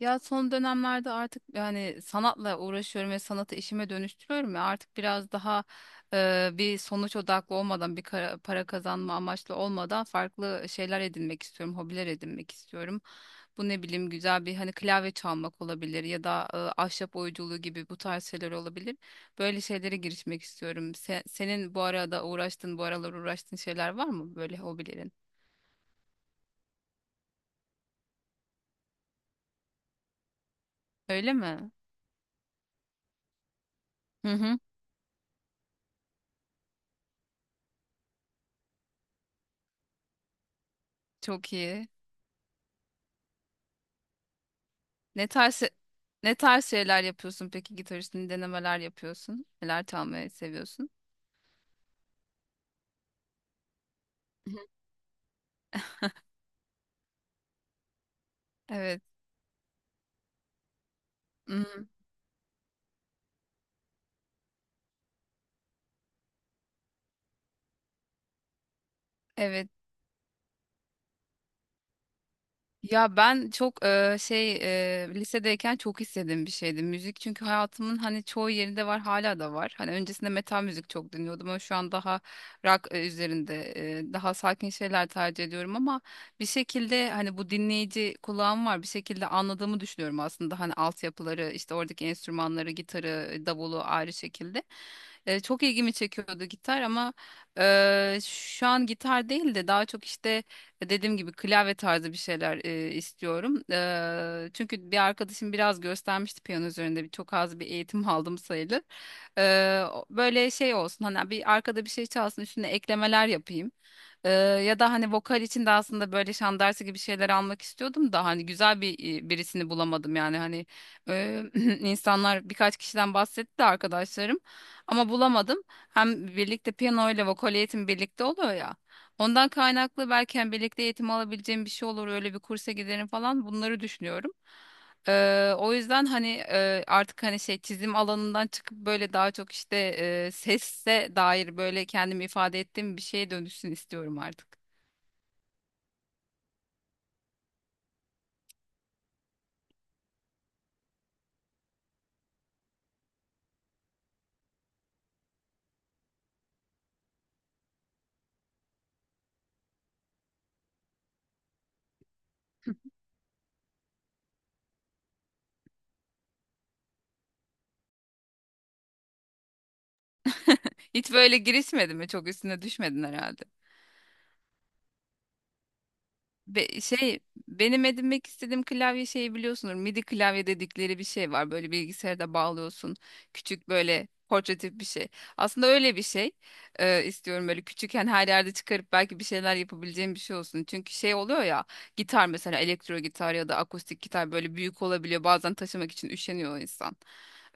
Ya son dönemlerde artık yani sanatla uğraşıyorum ve sanatı işime dönüştürüyorum ya artık biraz daha bir sonuç odaklı olmadan bir para kazanma amaçlı olmadan farklı şeyler edinmek istiyorum, hobiler edinmek istiyorum. Bu ne bileyim güzel bir hani klavye çalmak olabilir ya da ahşap oyunculuğu gibi bu tarz şeyler olabilir. Böyle şeylere girişmek istiyorum. Senin bu arada uğraştığın, bu aralar uğraştığın şeyler var mı böyle hobilerin? Öyle mi? Hı hı. Çok iyi. Ne tarz Ne tarz şeyler yapıyorsun peki gitar üstünde denemeler yapıyorsun? Neler çalmayı seviyorsun? Hı. Evet. Hmm, evet. Ya ben çok lisedeyken çok istediğim bir şeydi müzik, çünkü hayatımın hani çoğu yerinde var, hala da var. Hani öncesinde metal müzik çok dinliyordum ama şu an daha rock üzerinde daha sakin şeyler tercih ediyorum ama bir şekilde hani bu dinleyici kulağım var, bir şekilde anladığımı düşünüyorum aslında hani altyapıları, işte oradaki enstrümanları, gitarı, davulu ayrı şekilde. Çok ilgimi çekiyordu gitar ama şu an gitar değil de daha çok işte dediğim gibi klavye tarzı bir şeyler istiyorum. Çünkü bir arkadaşım biraz göstermişti piyano üzerinde. Çok az bir eğitim aldım sayılır. Böyle şey olsun hani, bir arkada bir şey çalsın, üstüne eklemeler yapayım. Ya da hani vokal için de aslında böyle şan dersi gibi şeyler almak istiyordum da hani güzel bir birisini bulamadım yani hani eee, insanlar birkaç kişiden bahsetti de arkadaşlarım, ama bulamadım. Hem birlikte piyano ile vokal eğitim birlikte oluyor ya. Ondan kaynaklı belki hani birlikte eğitim alabileceğim bir şey olur, öyle bir kursa giderim falan, bunları düşünüyorum. O yüzden hani artık hani şey, çizim alanından çıkıp böyle daha çok işte sesse dair böyle kendimi ifade ettiğim bir şeye dönüşsün istiyorum artık. Hiç böyle girişmedin mi? Çok üstüne düşmedin herhalde. Be- şey Benim edinmek istediğim klavye şeyi biliyorsunuz. MIDI klavye dedikleri bir şey var. Böyle bilgisayarda bağlıyorsun. Küçük böyle portatif bir şey. Aslında öyle bir şey istiyorum, böyle küçük, yani her yerde çıkarıp belki bir şeyler yapabileceğim bir şey olsun. Çünkü şey oluyor ya, gitar mesela, elektro gitar ya da akustik gitar böyle büyük olabiliyor. Bazen taşımak için üşeniyor insan.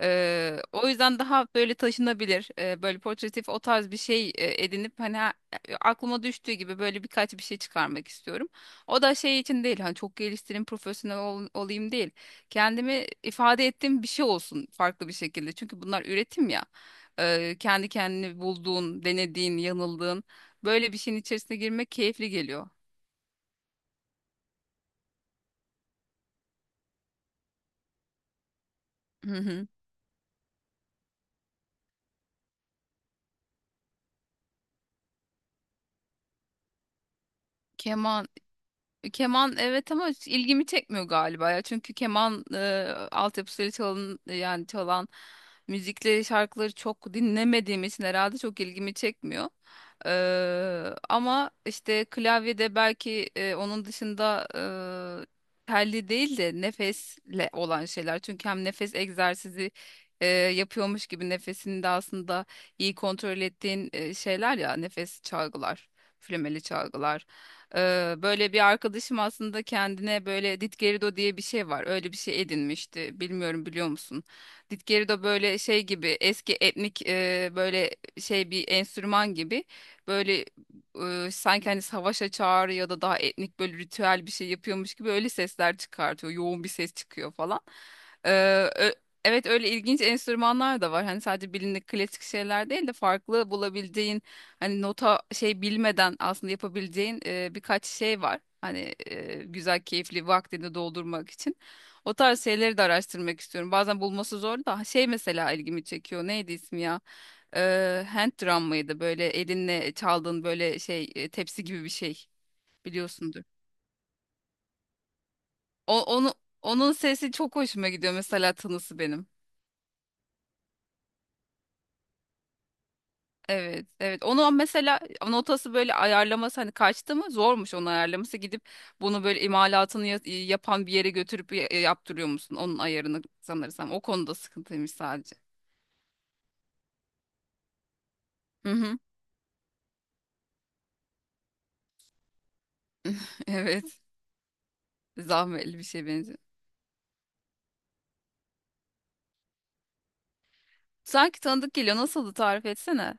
O yüzden daha böyle taşınabilir, böyle portatif, o tarz bir şey edinip hani aklıma düştüğü gibi böyle birkaç bir şey çıkarmak istiyorum. O da şey için değil, hani çok geliştireyim, profesyonel olayım değil. Kendimi ifade ettiğim bir şey olsun farklı bir şekilde. Çünkü bunlar üretim ya. Kendi kendini bulduğun, denediğin, yanıldığın böyle bir şeyin içerisine girmek keyifli geliyor. Hı hı. Keman. Keman, evet ama hiç ilgimi çekmiyor galiba ya. Çünkü keman altyapısıyla çalın, yani çalan müzikleri, şarkıları çok dinlemediğim için herhalde çok ilgimi çekmiyor. Ama işte klavyede belki, onun dışında telli değil de nefesle olan şeyler. Çünkü hem nefes egzersizi yapıyormuş gibi nefesini de aslında iyi kontrol ettiğin şeyler ya, nefes çalgılar, flümeli çalgılar. Böyle bir arkadaşım aslında kendine böyle Ditgerido diye bir şey var. Öyle bir şey edinmişti. Bilmiyorum, biliyor musun? Ditgerido böyle şey gibi, eski etnik böyle şey bir enstrüman gibi. Böyle sanki hani savaşa çağrı ya da daha etnik böyle ritüel bir şey yapıyormuş gibi öyle sesler çıkartıyor. Yoğun bir ses çıkıyor falan. Ee, ö- evet, öyle ilginç enstrümanlar da var. Hani sadece bilindik klasik şeyler değil de farklı bulabildiğin, hani nota şey bilmeden aslında yapabileceğin birkaç şey var. Hani güzel, keyifli vaktini doldurmak için. O tarz şeyleri de araştırmak istiyorum. Bazen bulması zor da şey mesela ilgimi çekiyor. Neydi ismi ya? Hand drum mıydı? Böyle elinle çaldığın böyle şey, tepsi gibi bir şey, biliyorsundur. O, onu Onun sesi çok hoşuma gidiyor mesela, tınısı benim. Evet, evet. Onu mesela, notası, böyle ayarlaması hani kaçtı mı, zormuş onu ayarlaması, gidip bunu böyle imalatını yapan bir yere götürüp yaptırıyor musun? Onun ayarını sanırsam o konuda sıkıntıymış sadece. Hı hı. Evet. Zahmetli bir şey benziyor. Sanki tanıdık geliyor. Nasıldı, tarif etsene.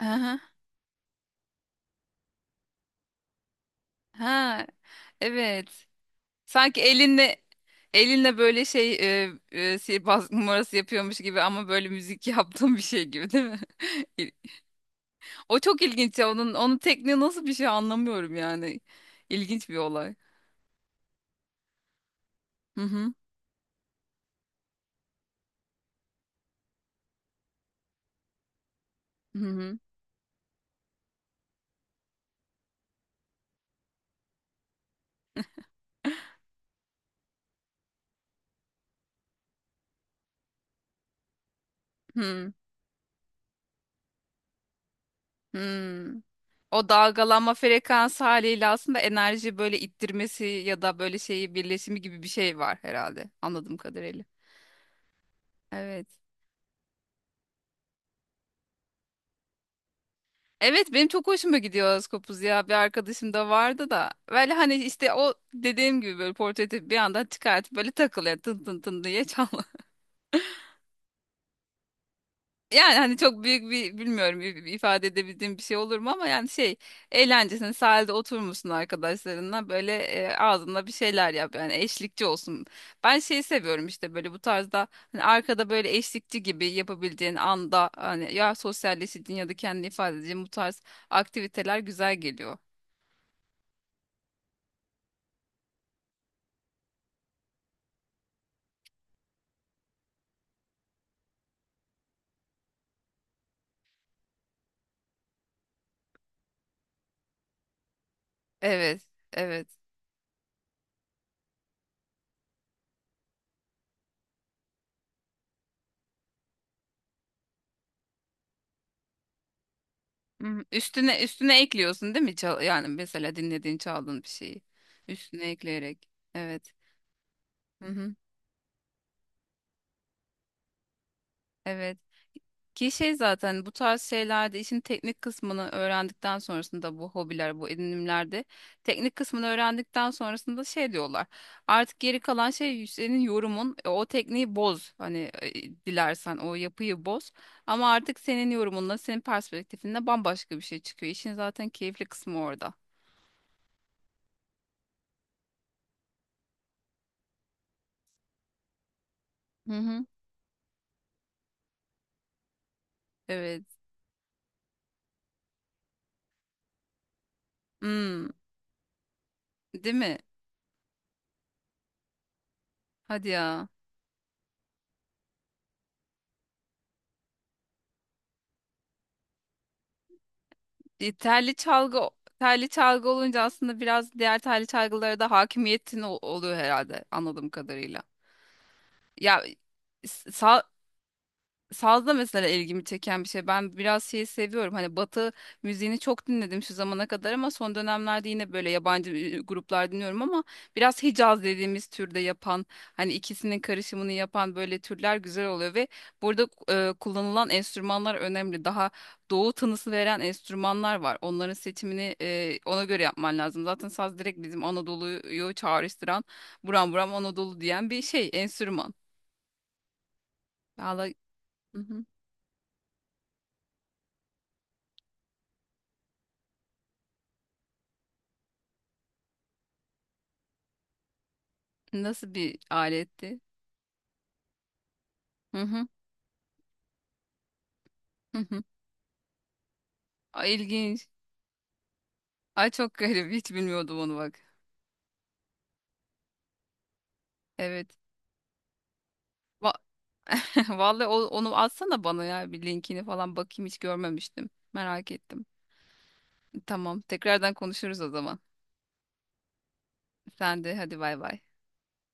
Hı. Ha. Evet. Sanki elinle böyle sihirbaz numarası yapıyormuş gibi ama böyle müzik yaptığım bir şey gibi, değil mi? O çok ilginç ya, onun tekniği nasıl bir şey anlamıyorum yani. İlginç bir olay. Hı hı. Hı hı. Hı hı. O dalgalanma frekansı haliyle aslında enerji böyle ittirmesi ya da böyle şeyi birleşimi gibi bir şey var herhalde, anladığım kadarıyla. Evet. Evet, benim çok hoşuma gidiyor Askopuz ya, bir arkadaşım da vardı da böyle, hani işte o dediğim gibi böyle portatif, bir anda çıkartıp böyle takılıyor, tın tın tın diye çal. Yani hani çok büyük bir, bilmiyorum, ifade edebildiğim bir şey olur mu ama yani şey, eğlencesine sahilde oturmuşsun arkadaşlarınla, böyle ağzında bir şeyler yap, yani eşlikçi olsun. Ben şeyi seviyorum işte, böyle bu tarzda hani arkada böyle eşlikçi gibi yapabildiğin anda, hani ya sosyalleşeceğin ya da kendini ifade edeceğin bu tarz aktiviteler güzel geliyor. Evet, evet. Hı hı. Üstüne üstüne ekliyorsun, değil mi? Yani mesela dinlediğin, çaldığın bir şeyi üstüne ekleyerek. Evet. Hı hı. Evet. Ki şey zaten, bu tarz şeylerde işin teknik kısmını öğrendikten sonrasında, bu hobiler, bu edinimlerde teknik kısmını öğrendikten sonrasında şey diyorlar. Artık geri kalan şey senin yorumun. O tekniği boz. Hani dilersen o yapıyı boz. Ama artık senin yorumunla, senin perspektifinle bambaşka bir şey çıkıyor. İşin zaten keyifli kısmı orada. Hı hı. Evet. Hmm, değil mi? Hadi ya. e, telli çalgı Telli çalgı olunca aslında biraz diğer telli çalgılara da hakimiyetin oluyor herhalde, anladığım kadarıyla. Ya sa- Sazda mesela ilgimi çeken bir şey. Ben biraz şeyi seviyorum. Hani Batı müziğini çok dinledim şu zamana kadar ama son dönemlerde yine böyle yabancı gruplar dinliyorum ama biraz Hicaz dediğimiz türde yapan, hani ikisinin karışımını yapan böyle türler güzel oluyor ve burada kullanılan enstrümanlar önemli. Daha doğu tınısı veren enstrümanlar var. Onların seçimini ona göre yapman lazım. Zaten saz direkt bizim Anadolu'yu çağrıştıran, buram buram Anadolu diyen bir şey, enstrüman. Vallahi. Nasıl bir aletti? Hı hı, hı hı. Ay, ilginç. Ay, çok garip. Hiç bilmiyordum onu, bak. Evet. Va Vallahi, onu atsana bana ya, bir linkini falan bakayım, hiç görmemiştim. Merak ettim. Tamam. Tekrardan konuşuruz o zaman. Sen de hadi, bay bay.